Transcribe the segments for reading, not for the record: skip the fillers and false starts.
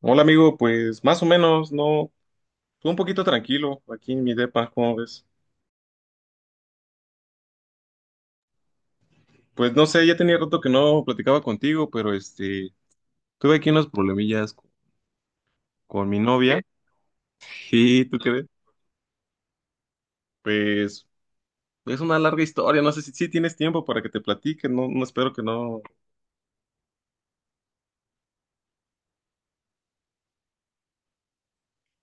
Hola amigo, pues más o menos, no, estuve un poquito tranquilo aquí en mi depa, ¿cómo ves? Pues no sé, ya tenía rato que no platicaba contigo, pero tuve aquí unos problemillas con mi novia. ¿Y tú qué ves? Pues es una larga historia, no sé si tienes tiempo para que te platique, no, no espero que no.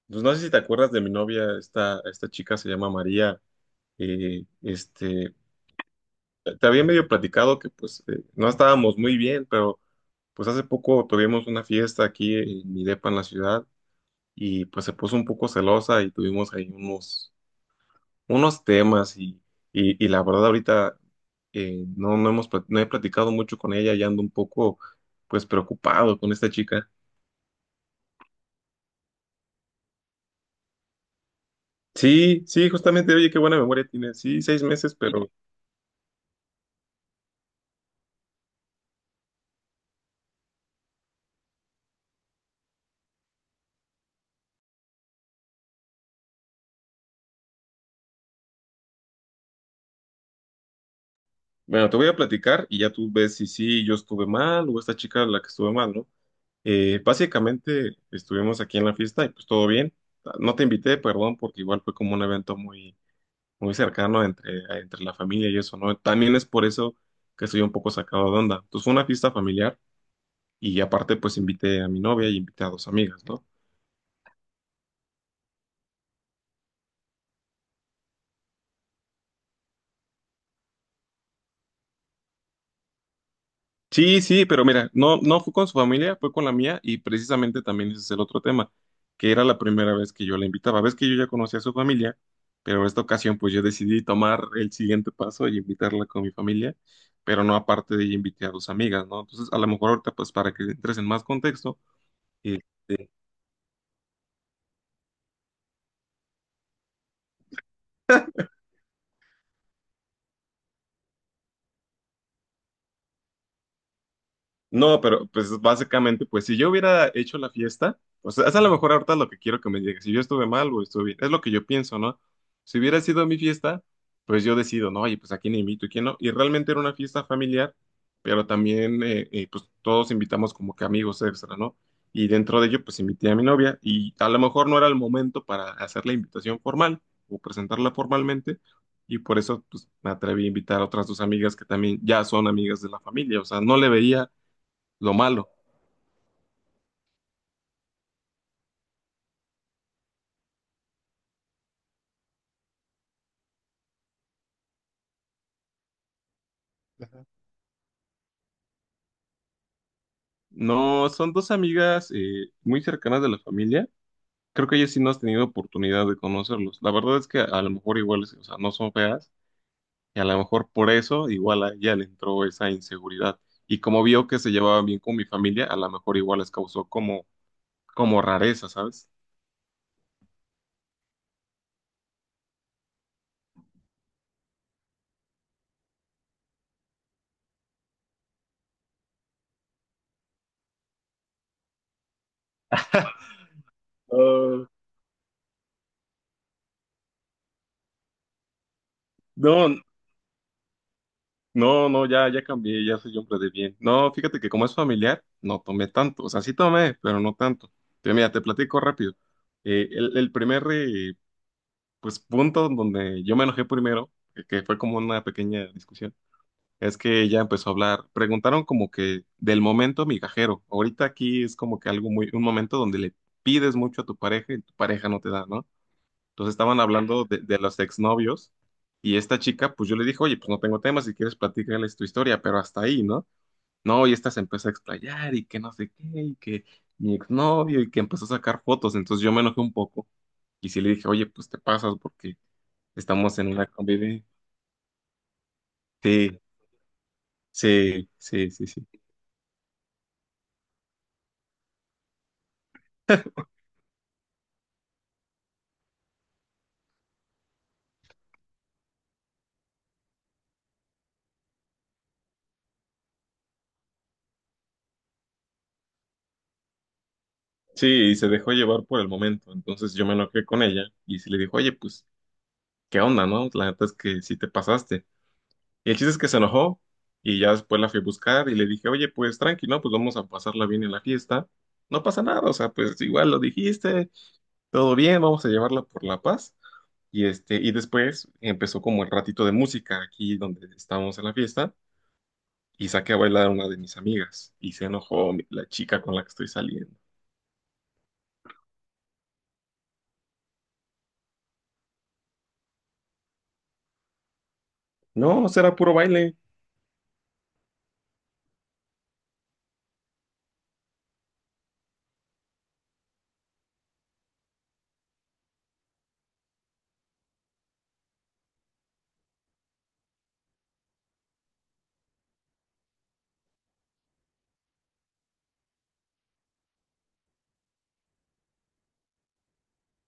Pues no sé si te acuerdas de mi novia, esta chica se llama María. eh, este, Te había medio platicado que pues no estábamos muy bien, pero pues hace poco tuvimos una fiesta aquí en mi depa en la ciudad. Y pues se puso un poco celosa y tuvimos ahí unos, temas y la verdad ahorita no he platicado mucho con ella y ando un poco pues preocupado con esta chica. Sí, sí, justamente, oye, qué buena memoria tiene. Sí, 6 meses, pero bueno, te voy a platicar y ya tú ves si sí yo estuve mal o esta chica la que estuve mal, ¿no? Básicamente estuvimos aquí en la fiesta y pues todo bien. No te invité, perdón, porque igual fue como un evento muy muy cercano entre la familia y eso, ¿no? También es por eso que estoy un poco sacado de onda. Entonces fue una fiesta familiar y aparte pues invité a mi novia y invité a dos amigas, ¿no? Sí, sí, pero mira, no, no fue con su familia, fue con la mía y precisamente también ese es el otro tema, que era la primera vez que yo la invitaba. Ves que yo ya conocía a su familia, pero esta ocasión pues yo decidí tomar el siguiente paso y invitarla con mi familia, pero no aparte de ella invité a dos amigas, ¿no? Entonces a lo mejor ahorita pues para que entres en más contexto eh, No, pero pues básicamente, pues si yo hubiera hecho la fiesta, o sea, es a lo mejor ahorita lo que quiero que me digas, si yo estuve mal o estuve bien, es lo que yo pienso, ¿no? Si hubiera sido mi fiesta, pues yo decido, ¿no? Oye, pues a quién invito y quién no. Y realmente era una fiesta familiar, pero también, pues todos invitamos como que amigos extra, ¿no? Y dentro de ello, pues invité a mi novia y a lo mejor no era el momento para hacer la invitación formal o presentarla formalmente. Y por eso, pues, me atreví a invitar a otras dos amigas que también ya son amigas de la familia. O sea, no le veía lo malo. Ajá. No, son dos amigas muy cercanas de la familia. Creo que ellas sí no has tenido oportunidad de conocerlos. La verdad es que a lo mejor igual, o sea, no son feas y a lo mejor por eso igual a ella le entró esa inseguridad. Y como vio que se llevaba bien con mi familia, a lo mejor igual les causó como, rareza, ¿sabes? Ah, no, no, no, ya, ya cambié, ya soy hombre de bien. No, fíjate que como es familiar, no tomé tanto. O sea, sí tomé, pero no tanto. Mira, te platico rápido. El primer pues punto donde yo me enojé primero, que fue como una pequeña discusión, es que ella empezó a hablar, preguntaron como que del momento migajero, ahorita aquí es como que algo muy, un momento donde le pides mucho a tu pareja y tu pareja no te da, ¿no? Entonces estaban hablando de los exnovios y esta chica, pues yo le dije, oye, pues no tengo tema, si quieres platicarles tu historia, pero hasta ahí, ¿no? No, y esta se empezó a explayar y que no sé qué, y que mi exnovio, y que empezó a sacar fotos, entonces yo me enojé un poco y sí le dije, oye, pues te pasas porque estamos en una convivencia. Sí, sí, sí, sí, sí. Sí, y se dejó llevar por el momento. Entonces yo me enojé con ella y se le dijo, oye, pues, ¿qué onda, no? La neta es que sí te pasaste. Y el chiste es que se enojó y ya después la fui a buscar y le dije, oye, pues tranqui, ¿no? Pues vamos a pasarla bien en la fiesta. No pasa nada, o sea, pues igual lo dijiste, todo bien, vamos a llevarla por la paz. Y después empezó como el ratito de música aquí donde estábamos en la fiesta. Y saqué a bailar a una de mis amigas y se enojó la chica con la que estoy saliendo. No, será puro baile.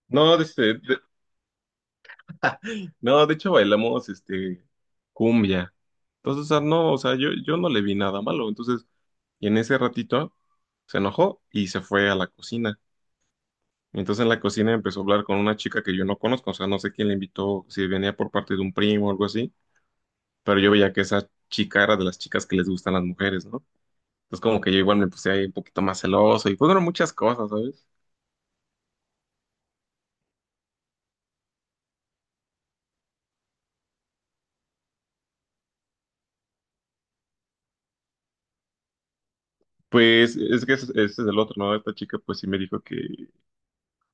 No, no, de hecho bailamos cumbia. Entonces, o sea, no, o sea, yo no le vi nada malo. Entonces, y en ese ratito se enojó y se fue a la cocina. Entonces en la cocina empezó a hablar con una chica que yo no conozco, o sea, no sé quién le invitó, si venía por parte de un primo o algo así, pero yo veía que esa chica era de las chicas que les gustan las mujeres, ¿no? Entonces como que yo igual me puse ahí un poquito más celoso y fueron muchas cosas, ¿sabes? Pues es que ese es el otro, ¿no? Esta chica pues sí me dijo que,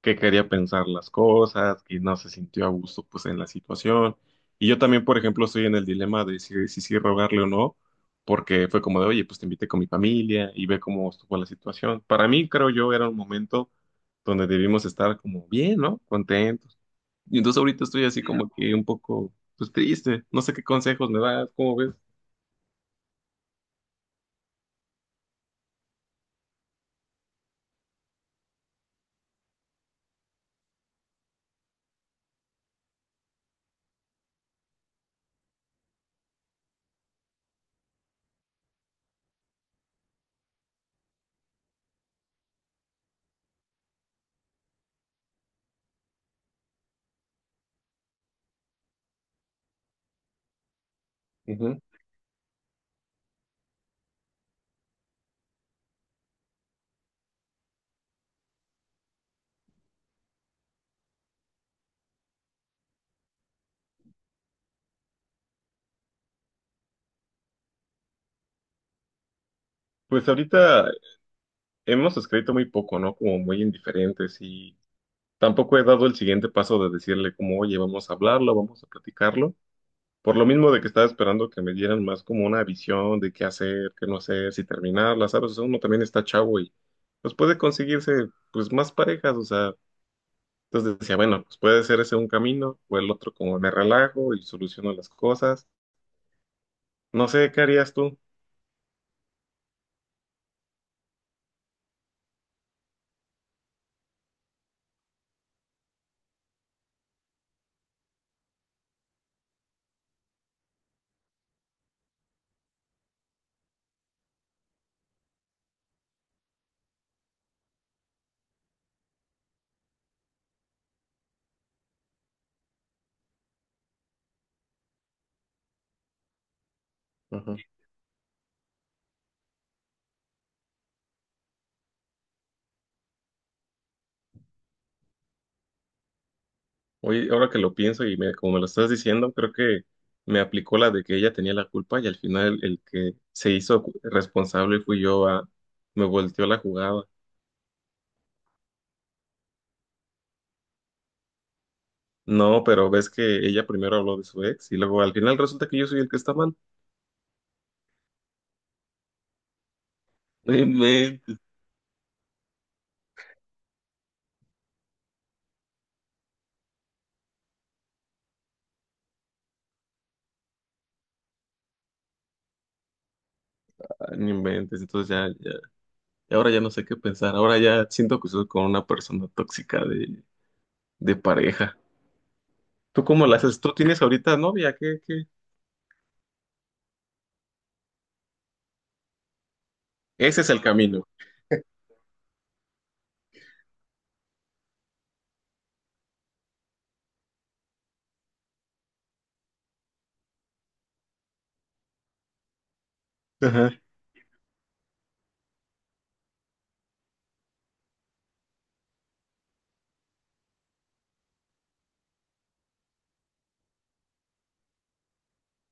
que quería pensar las cosas, que no se sintió a gusto pues en la situación. Y yo también, por ejemplo, estoy en el dilema de si sí rogarle o no, porque fue como de, oye, pues te invité con mi familia y ve cómo estuvo la situación. Para mí, creo yo, era un momento donde debimos estar como bien, ¿no? Contentos. Y entonces ahorita estoy así como que un poco, pues triste. No sé qué consejos me das, ¿cómo ves? Ujú. Pues ahorita hemos escrito muy poco, ¿no? Como muy indiferentes y tampoco he dado el siguiente paso de decirle como, oye, vamos a hablarlo, vamos a platicarlo. Por lo mismo de que estaba esperando que me dieran más como una visión de qué hacer, qué no hacer, si terminarla, ¿sabes? O sea, uno también está chavo y pues puede conseguirse pues más parejas, o sea, entonces decía, bueno, pues puede ser ese un camino o el otro como me relajo y soluciono las cosas. No sé, ¿qué harías tú? Oye, ahora que lo pienso y como me lo estás diciendo, creo que me aplicó la de que ella tenía la culpa y al final el que se hizo responsable fui yo a, me volteó la jugada. No, pero ves que ella primero habló de su ex y luego al final resulta que yo soy el que está mal. No inventes, ah, no inventes. Entonces ya, ya, y ahora ya no sé qué pensar. Ahora ya siento que soy con una persona tóxica de pareja. ¿Tú cómo la haces? ¿Tú tienes ahorita novia? ¿Qué? Ese es el camino.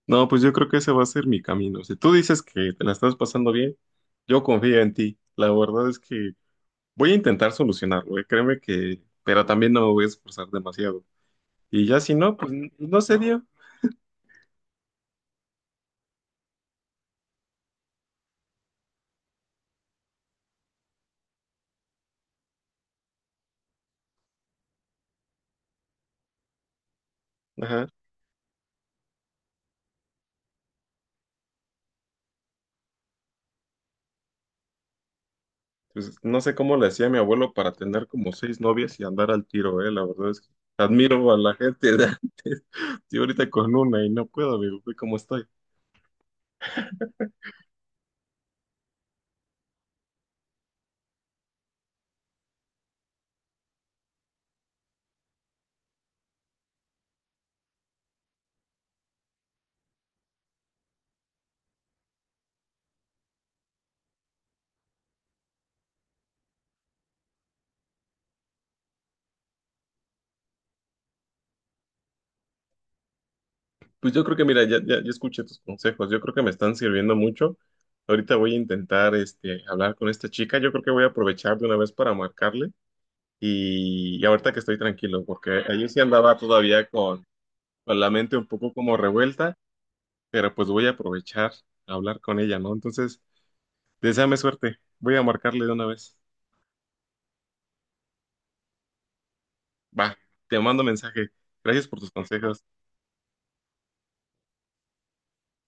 No, pues yo creo que ese va a ser mi camino. Si tú dices que te la estás pasando bien, yo confío en ti. La verdad es que voy a intentar solucionarlo, ¿eh? Créeme que, pero también no me voy a esforzar demasiado. Y ya si no, pues no se dio. Ajá. Pues no sé cómo le hacía mi abuelo para tener como seis novias y andar al tiro, ¿eh? La verdad es que admiro a la gente de antes. Estoy ahorita con una y no puedo, amigo, ve cómo estoy. Pues yo creo que, mira, ya, ya, ya escuché tus consejos. Yo creo que me están sirviendo mucho. Ahorita voy a intentar hablar con esta chica. Yo creo que voy a aprovechar de una vez para marcarle. Y ahorita que estoy tranquilo, porque ayer sí andaba todavía con la mente un poco como revuelta, pero pues voy a aprovechar a hablar con ella, ¿no? Entonces, deséame suerte. Voy a marcarle de una vez. Va, te mando mensaje. Gracias por tus consejos.